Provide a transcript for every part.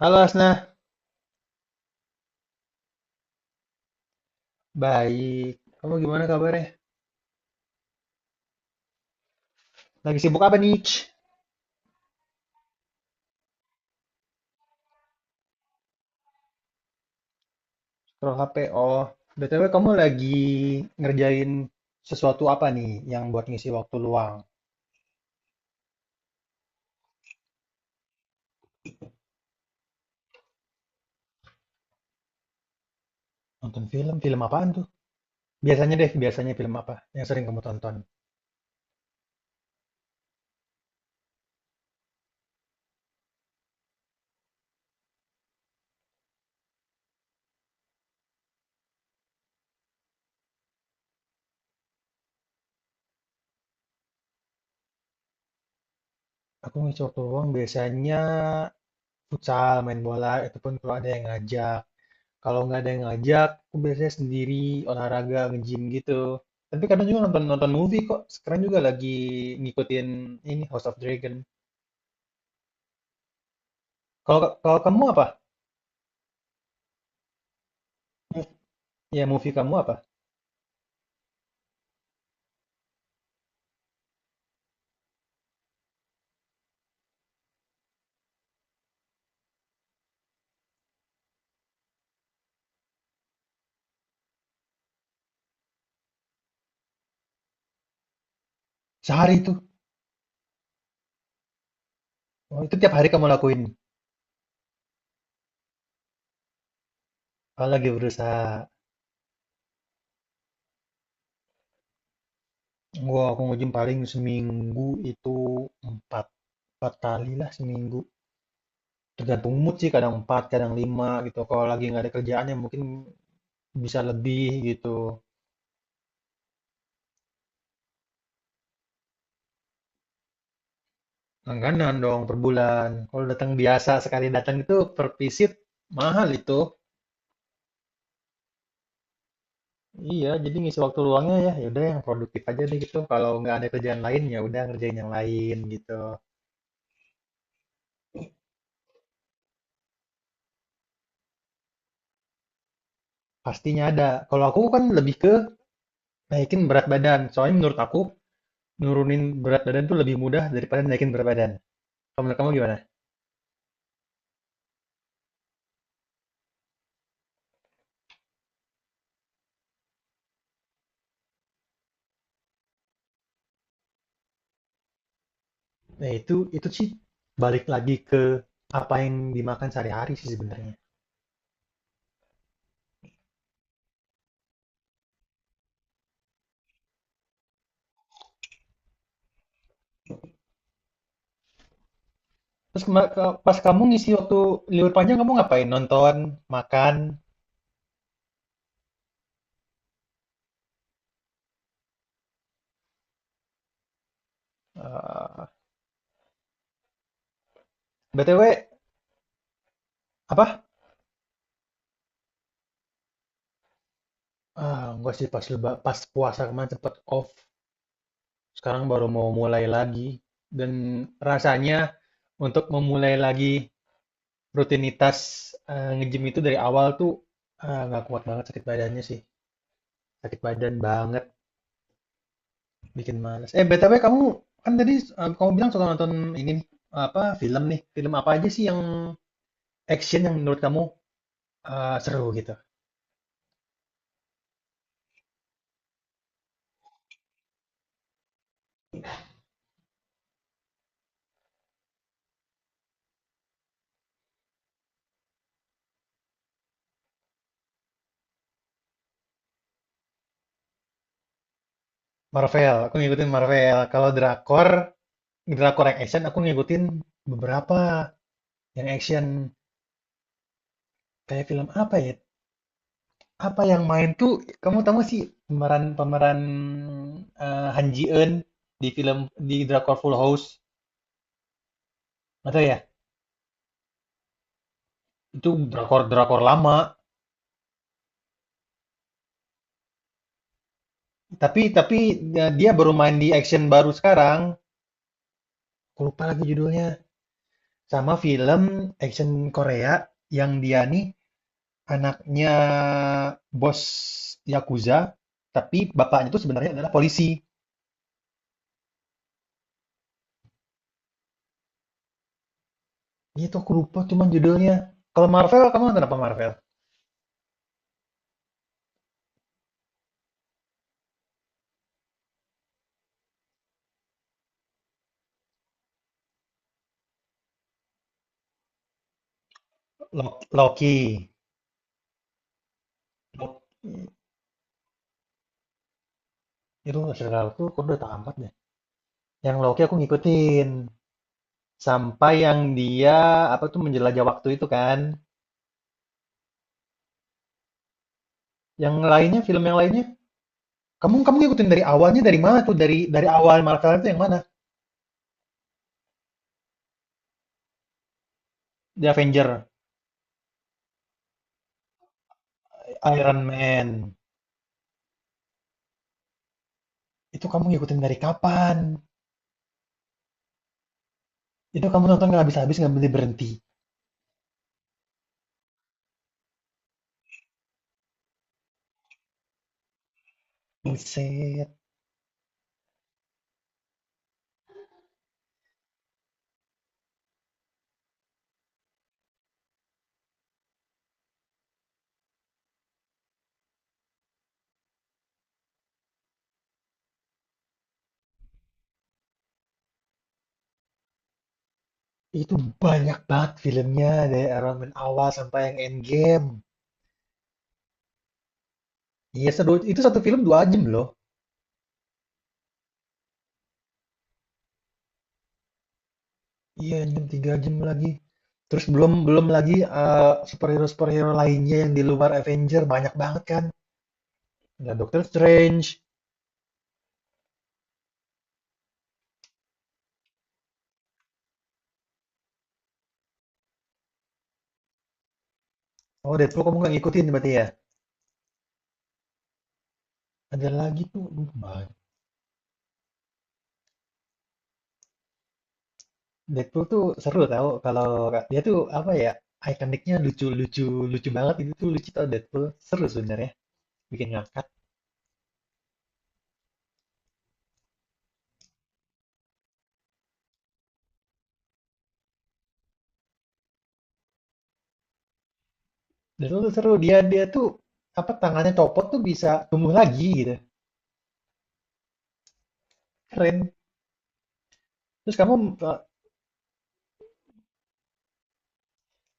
Halo Asna, baik. Kamu gimana kabarnya? Lagi sibuk apa nih? Scroll HP. Oh, BTW kamu lagi ngerjain sesuatu apa nih yang buat ngisi waktu luang? Nonton film? Film apaan tuh? Biasanya deh, biasanya film apa yang sering kamu tonton? Aku ngisi waktu luang biasanya futsal, main bola, itu pun kalau ada yang ngajak. Kalau nggak ada yang ngajak, aku biasanya sendiri olahraga, nge-gym gitu. Tapi kadang juga nonton-nonton movie kok. Sekarang juga lagi ngikutin ini House of Dragon. Kalau kalau kamu apa? Mov- Ya, movie kamu apa? Sehari itu. Oh, itu tiap hari kamu lakuin. Kalau lagi berusaha. Aku nge-gym paling seminggu itu empat. Empat kali lah seminggu. Tergantung mood sih, kadang empat, kadang lima gitu. Kalau lagi nggak ada kerjaan ya mungkin bisa lebih gitu. Langganan dong per bulan. Kalau datang biasa sekali datang itu per visit mahal itu. Iya, jadi ngisi waktu luangnya ya, ya udah yang produktif aja deh gitu. Kalau nggak ada kerjaan lain ya udah ngerjain yang lain gitu. Pastinya ada. Kalau aku kan lebih ke naikin berat badan. Soalnya menurut aku nurunin berat badan tuh lebih mudah daripada naikin berat badan. Kalau menurut kamu gimana? Nah itu sih balik lagi ke apa yang dimakan sehari-hari sih sebenarnya. Terus pas kamu ngisi waktu libur panjang kamu ngapain? Nonton, makan, eh, BTW apa? Ah, enggak sih pas pas puasa kemarin cepet off. Sekarang baru mau mulai lagi dan rasanya untuk memulai lagi rutinitas, nge-gym itu dari awal tuh, nggak kuat banget sakit badannya sih, sakit badan banget, bikin males. Eh, BTW kamu kan tadi, kamu bilang suka nonton ini nih, apa, film nih, film apa aja sih yang action yang menurut kamu, seru gitu? Marvel, aku ngikutin Marvel. Kalau drakor, drakor yang action aku ngikutin beberapa yang action. Kayak film apa ya. Apa yang main tuh, kamu tahu nggak sih pemeran-pemeran Han Ji Eun di film di drakor Full House? Nggak tahu ya? Itu drakor-drakor lama. Tapi dia dia baru main di action baru sekarang. Aku lupa lagi judulnya. Sama film action Korea yang dia nih anaknya bos Yakuza, tapi bapaknya tuh sebenarnya adalah polisi. Itu aku lupa cuman judulnya. Kalau Marvel, kamu nonton apa Marvel? Loki. Itu nggak serialku, aku udah tamat deh. Yang Loki aku ngikutin. Sampai yang dia apa tuh menjelajah waktu itu kan. Yang lainnya, film yang lainnya. Kamu kamu ngikutin dari awalnya dari mana tuh? Dari awal Marvel itu yang mana? The Avenger, Iron Man. Itu kamu ngikutin dari kapan? Itu kamu nonton nggak habis-habis nggak berhenti berhenti. Buset. Itu banyak banget filmnya dari Iron Man awal sampai yang Endgame. Iya, seru. Itu satu film dua jam loh. Iya, jam 3 jam lagi. Terus belum belum lagi superhero-superhero lainnya yang di luar Avenger banyak banget kan. Ada Doctor Strange. Oh, Deadpool kamu nggak ngikutin berarti ya? Ada lagi tuh, aduh, banyak. Deadpool tuh seru tau kalau dia tuh apa ya, ikoniknya lucu-lucu lucu banget itu tuh lucu tau Deadpool. Seru sebenarnya, bikin ngakak. Deadpool tuh seru, dia dia tuh apa tangannya copot tuh bisa tumbuh lagi gitu. Keren. Terus kamu eh,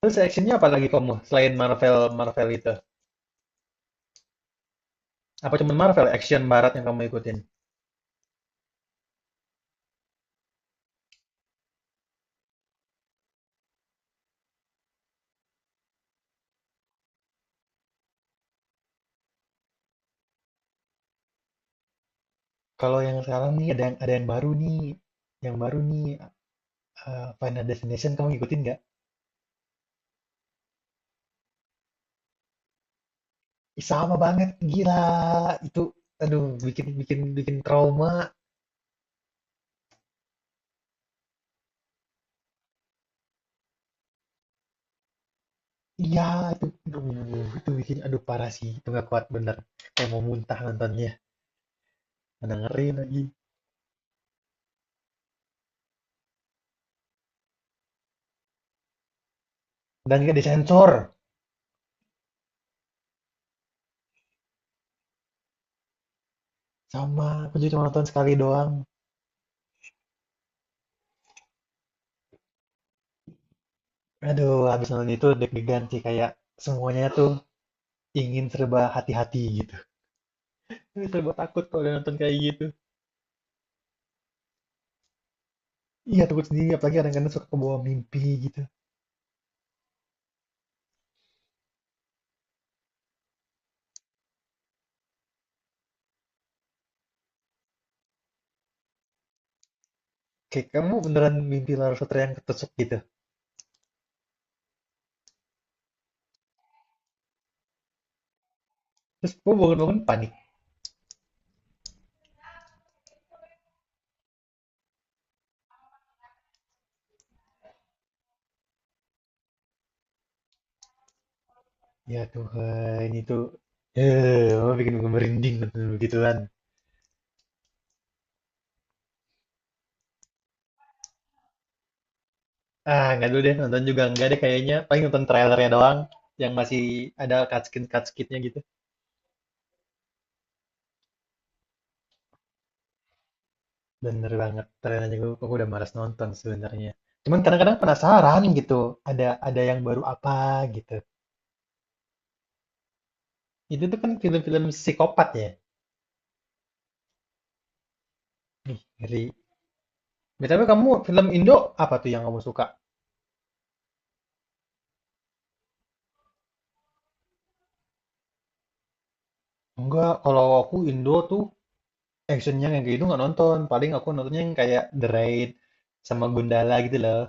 terus actionnya apa lagi kamu selain Marvel Marvel itu? Apa cuman Marvel action barat yang kamu ikutin? Kalau yang sekarang nih ada yang baru nih, yang baru nih, Final Destination kamu ngikutin nggak? Ih, sama banget, gila itu, aduh bikin bikin bikin trauma. Iya itu, aduh, itu bikin aduh parah sih, itu nggak kuat bener. Kayak mau muntah nontonnya, dengerin lagi. Dan nggak disensor, sama aku juga cuma nonton sekali doang. Aduh, habis nonton itu deg-degan sih kayak semuanya tuh ingin serba hati-hati gitu. Serba takut kalau udah nonton kayak gitu. Iya, takut sendiri, apalagi kadang-kadang suka kebawa mimpi gitu. Kayak kamu beneran mimpi Lara Sutera yang ketusuk gitu. Terus kamu bangun-bangun panik. Ya Tuhan, itu kamu bikin gue merinding nonton begituan. Ah, nggak dulu deh, nonton juga nggak deh kayaknya. Paling nonton trailernya doang, yang masih ada cutscene-cutscene-nya gitu. Bener banget, trailernya aku udah malas nonton sebenarnya. Cuman kadang-kadang penasaran gitu, ada yang baru apa gitu. Itu tuh kan film-film psikopat ya. Ih, ngeri. BTW kamu film Indo apa tuh yang kamu suka? Enggak, kalau aku Indo tuh actionnya yang kayak gitu nggak nonton. Paling aku nontonnya yang kayak The Raid sama Gundala gitu loh.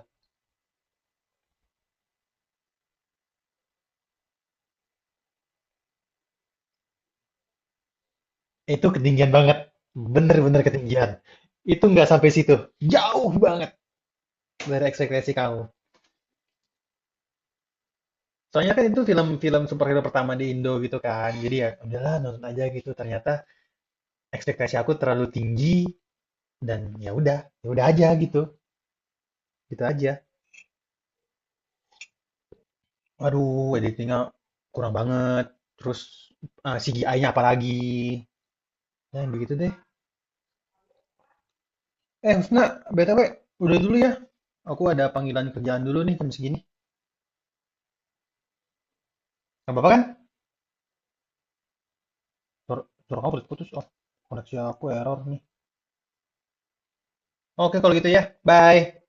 Itu ketinggian banget. Bener-bener ketinggian. Itu nggak sampai situ. Jauh banget dari ekspektasi kamu. Soalnya kan itu film-film superhero pertama di Indo gitu kan. Jadi ya udahlah nonton aja gitu. Ternyata ekspektasi aku terlalu tinggi dan ya udah aja gitu. Gitu aja. Aduh, editingnya kurang banget. Terus eh, CGI-nya apalagi. Ya, begitu deh. Eh, Husna, BTW, udah dulu ya. Aku ada panggilan kerjaan dulu nih jam segini. Gak apa-apa kan? Suara, suara kamu putus-putus. Oh, koneksi aku error nih. Oke, kalau gitu ya. Bye.